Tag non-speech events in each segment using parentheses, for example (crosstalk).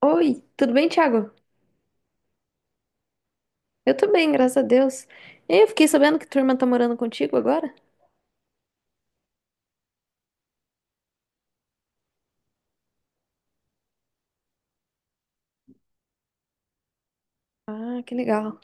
Oi, tudo bem, Thiago? Eu tô bem, graças a Deus. E eu fiquei sabendo que tua irmã tá morando contigo agora? Ah, que legal.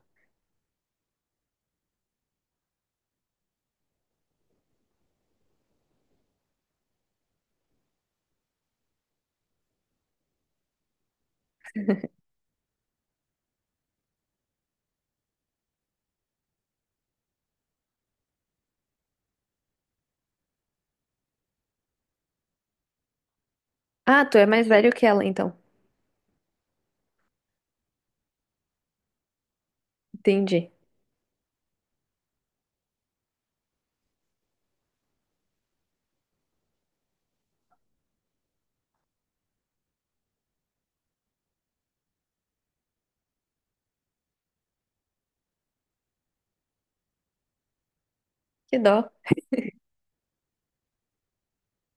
Ah, tu é mais velho que ela, então. Entendi. Que dó.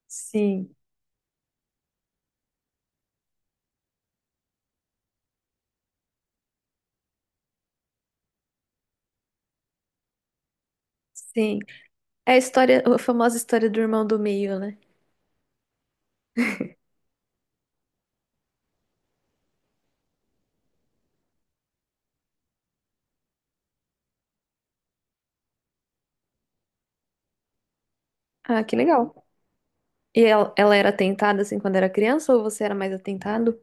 Sim, sim. É a história, a famosa história do irmão do meio, né? Ah, que legal. E ela era atentada assim quando era criança ou você era mais atentado?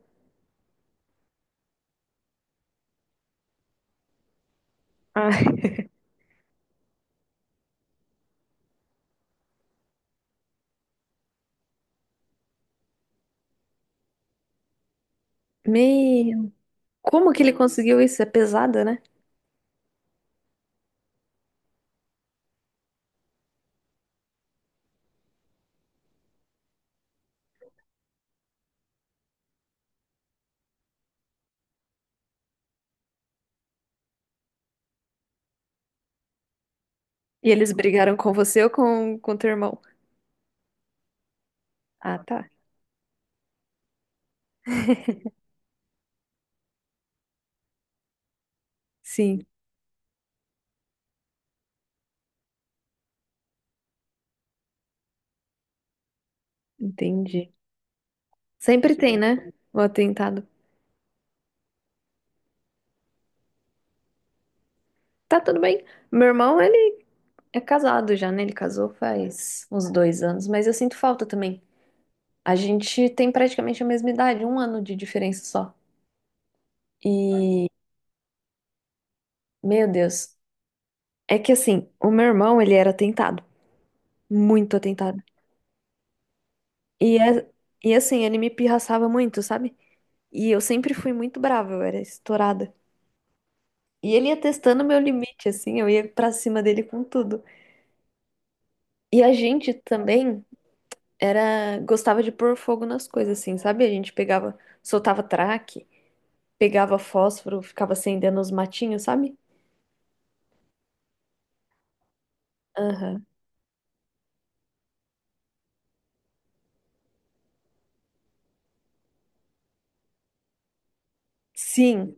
Ah, meu. Como que ele conseguiu isso? É pesada, né? E eles brigaram com você ou com teu irmão? Ah, tá. Sim, entendi. Sempre tem, né? O atentado. Tá tudo bem. Meu irmão, ele é casado já, né? Ele casou faz uns 2 anos, mas eu sinto falta também. A gente tem praticamente a mesma idade, um ano de diferença só. E, meu Deus, é que assim, o meu irmão, ele era atentado, muito atentado. E, é, e assim, ele me pirraçava muito, sabe? E eu sempre fui muito brava, eu era estourada. E ele ia testando meu limite, assim, eu ia pra cima dele com tudo. E a gente também. Era gostava de pôr fogo nas coisas assim, sabe? A gente pegava, soltava traque, pegava fósforo, ficava acendendo os matinhos, sabe? Aham. Sim,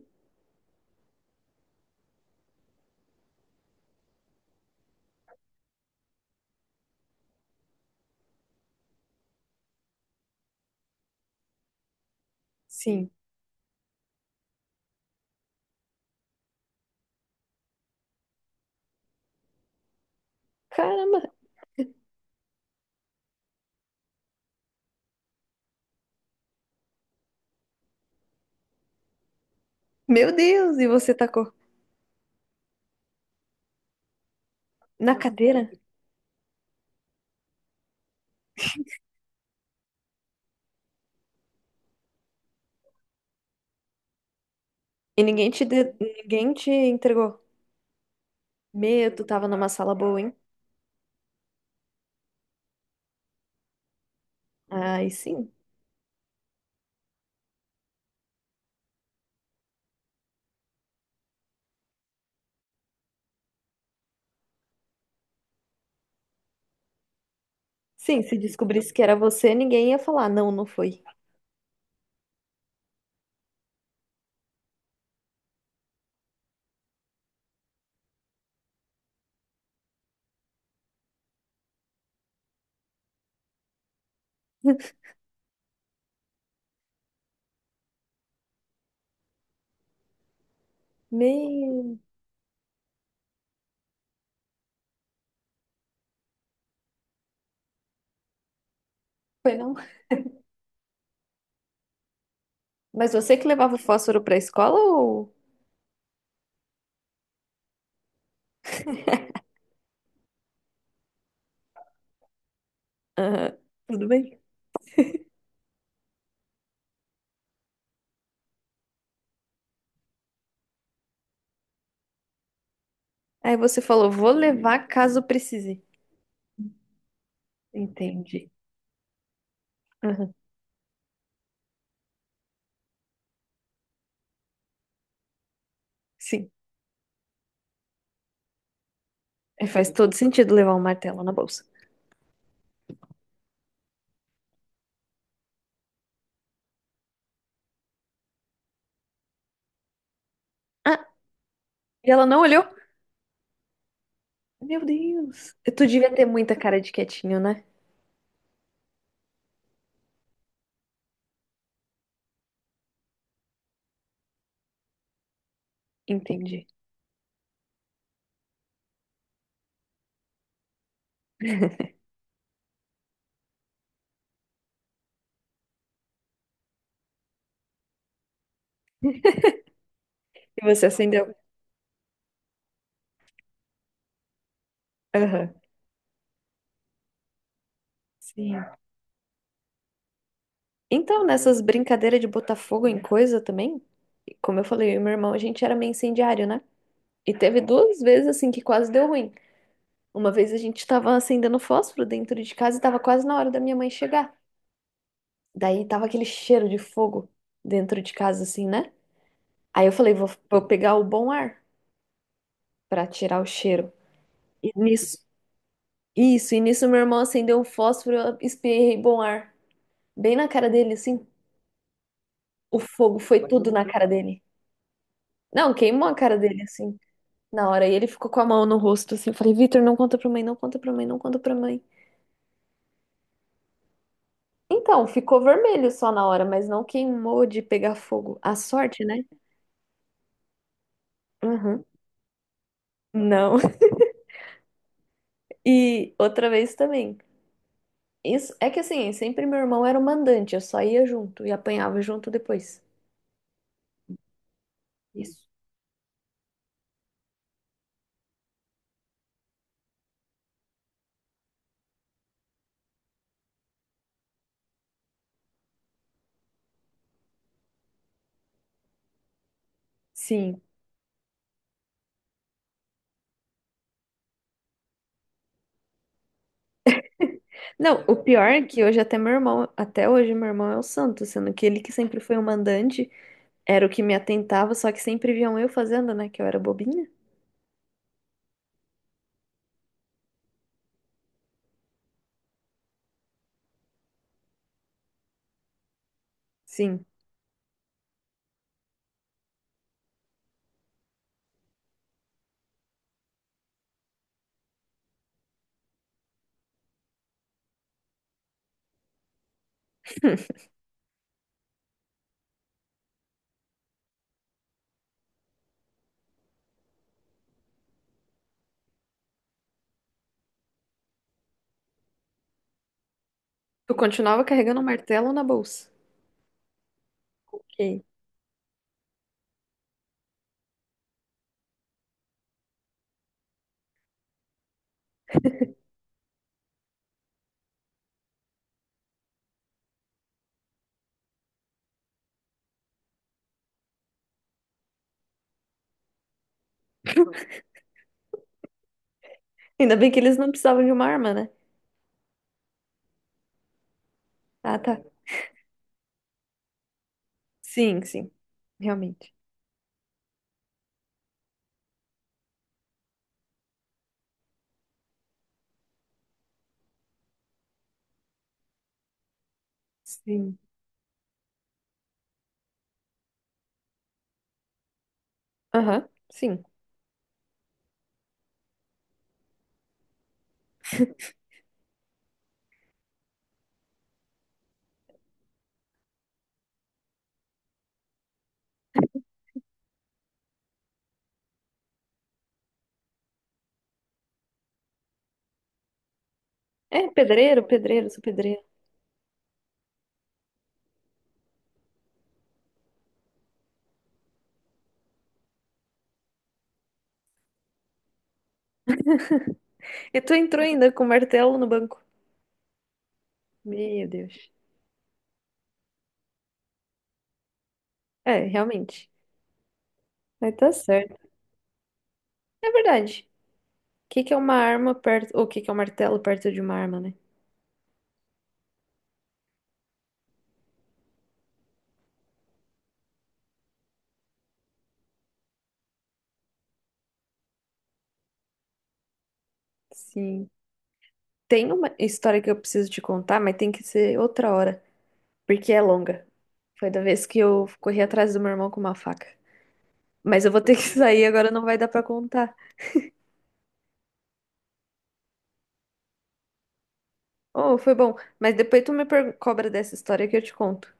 sim. Caramba, meu Deus, e você tacou na cadeira? E ninguém ninguém te entregou? Meu, tu tava numa sala boa, hein? Ai, sim. Sim, se descobrisse que era você, ninguém ia falar, não, não foi. (laughs) Meu, foi não. Mas você que levava o fósforo pra escola ou? Aham. Tudo bem? Aí você falou, vou levar caso precise. Entendi. Aham. Sim. É, faz todo sentido levar um martelo na bolsa. Ah, e ela não olhou? Meu Deus. Tu devia ter muita cara de quietinho, né? Entendi. E você acendeu. Aham. Sim. Então, nessas brincadeiras de botar fogo em coisa também, como eu falei, eu e meu irmão, a gente era meio incendiário, né? E teve duas vezes assim que quase deu ruim. Uma vez a gente tava acendendo fósforo dentro de casa e tava quase na hora da minha mãe chegar. Daí tava aquele cheiro de fogo dentro de casa, assim, né? Aí eu falei, vou pegar o bom ar pra tirar o cheiro. E nisso, isso, e nisso meu irmão acendeu um fósforo, eu espirrei bom ar. Bem na cara dele, assim. O fogo foi tudo na cara dele. Não, queimou a cara dele, assim, na hora. E ele ficou com a mão no rosto, assim. Eu falei, Vitor, não conta pra mãe, não conta pra mãe, não conta pra mãe. Então, ficou vermelho só na hora, mas não queimou de pegar fogo. A sorte, né? Uhum. Não. (laughs) E outra vez também. Isso, é que assim, sempre meu irmão era o mandante, eu só ia junto e apanhava junto depois. Isso. Sim. Não, o pior é que hoje até meu irmão, até hoje meu irmão é o santo, sendo que ele que sempre foi o mandante, era o que me atentava, só que sempre viam eu fazendo, né, que eu era bobinha. Sim. (laughs) Tu continuava carregando o martelo na bolsa. Ok. Ainda bem que eles não precisavam de uma arma, né? Ah, tá. Sim, sim. Realmente. Sim. Aham, sim. É, pedreiro, pedreiro, sou pedreiro. E tu entrou ainda com martelo no banco. Meu Deus. É, realmente. Mas tá certo. É verdade. O que que é uma arma perto. O que que é um martelo perto de uma arma, né? Sim. Tem uma história que eu preciso te contar, mas tem que ser outra hora. Porque é longa. Foi da vez que eu corri atrás do meu irmão com uma faca. Mas eu vou ter que (laughs) sair, agora não vai dar pra contar. Oh, foi bom. Mas depois cobra dessa história que eu te conto.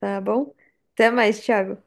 Tá bom? Até mais, Thiago.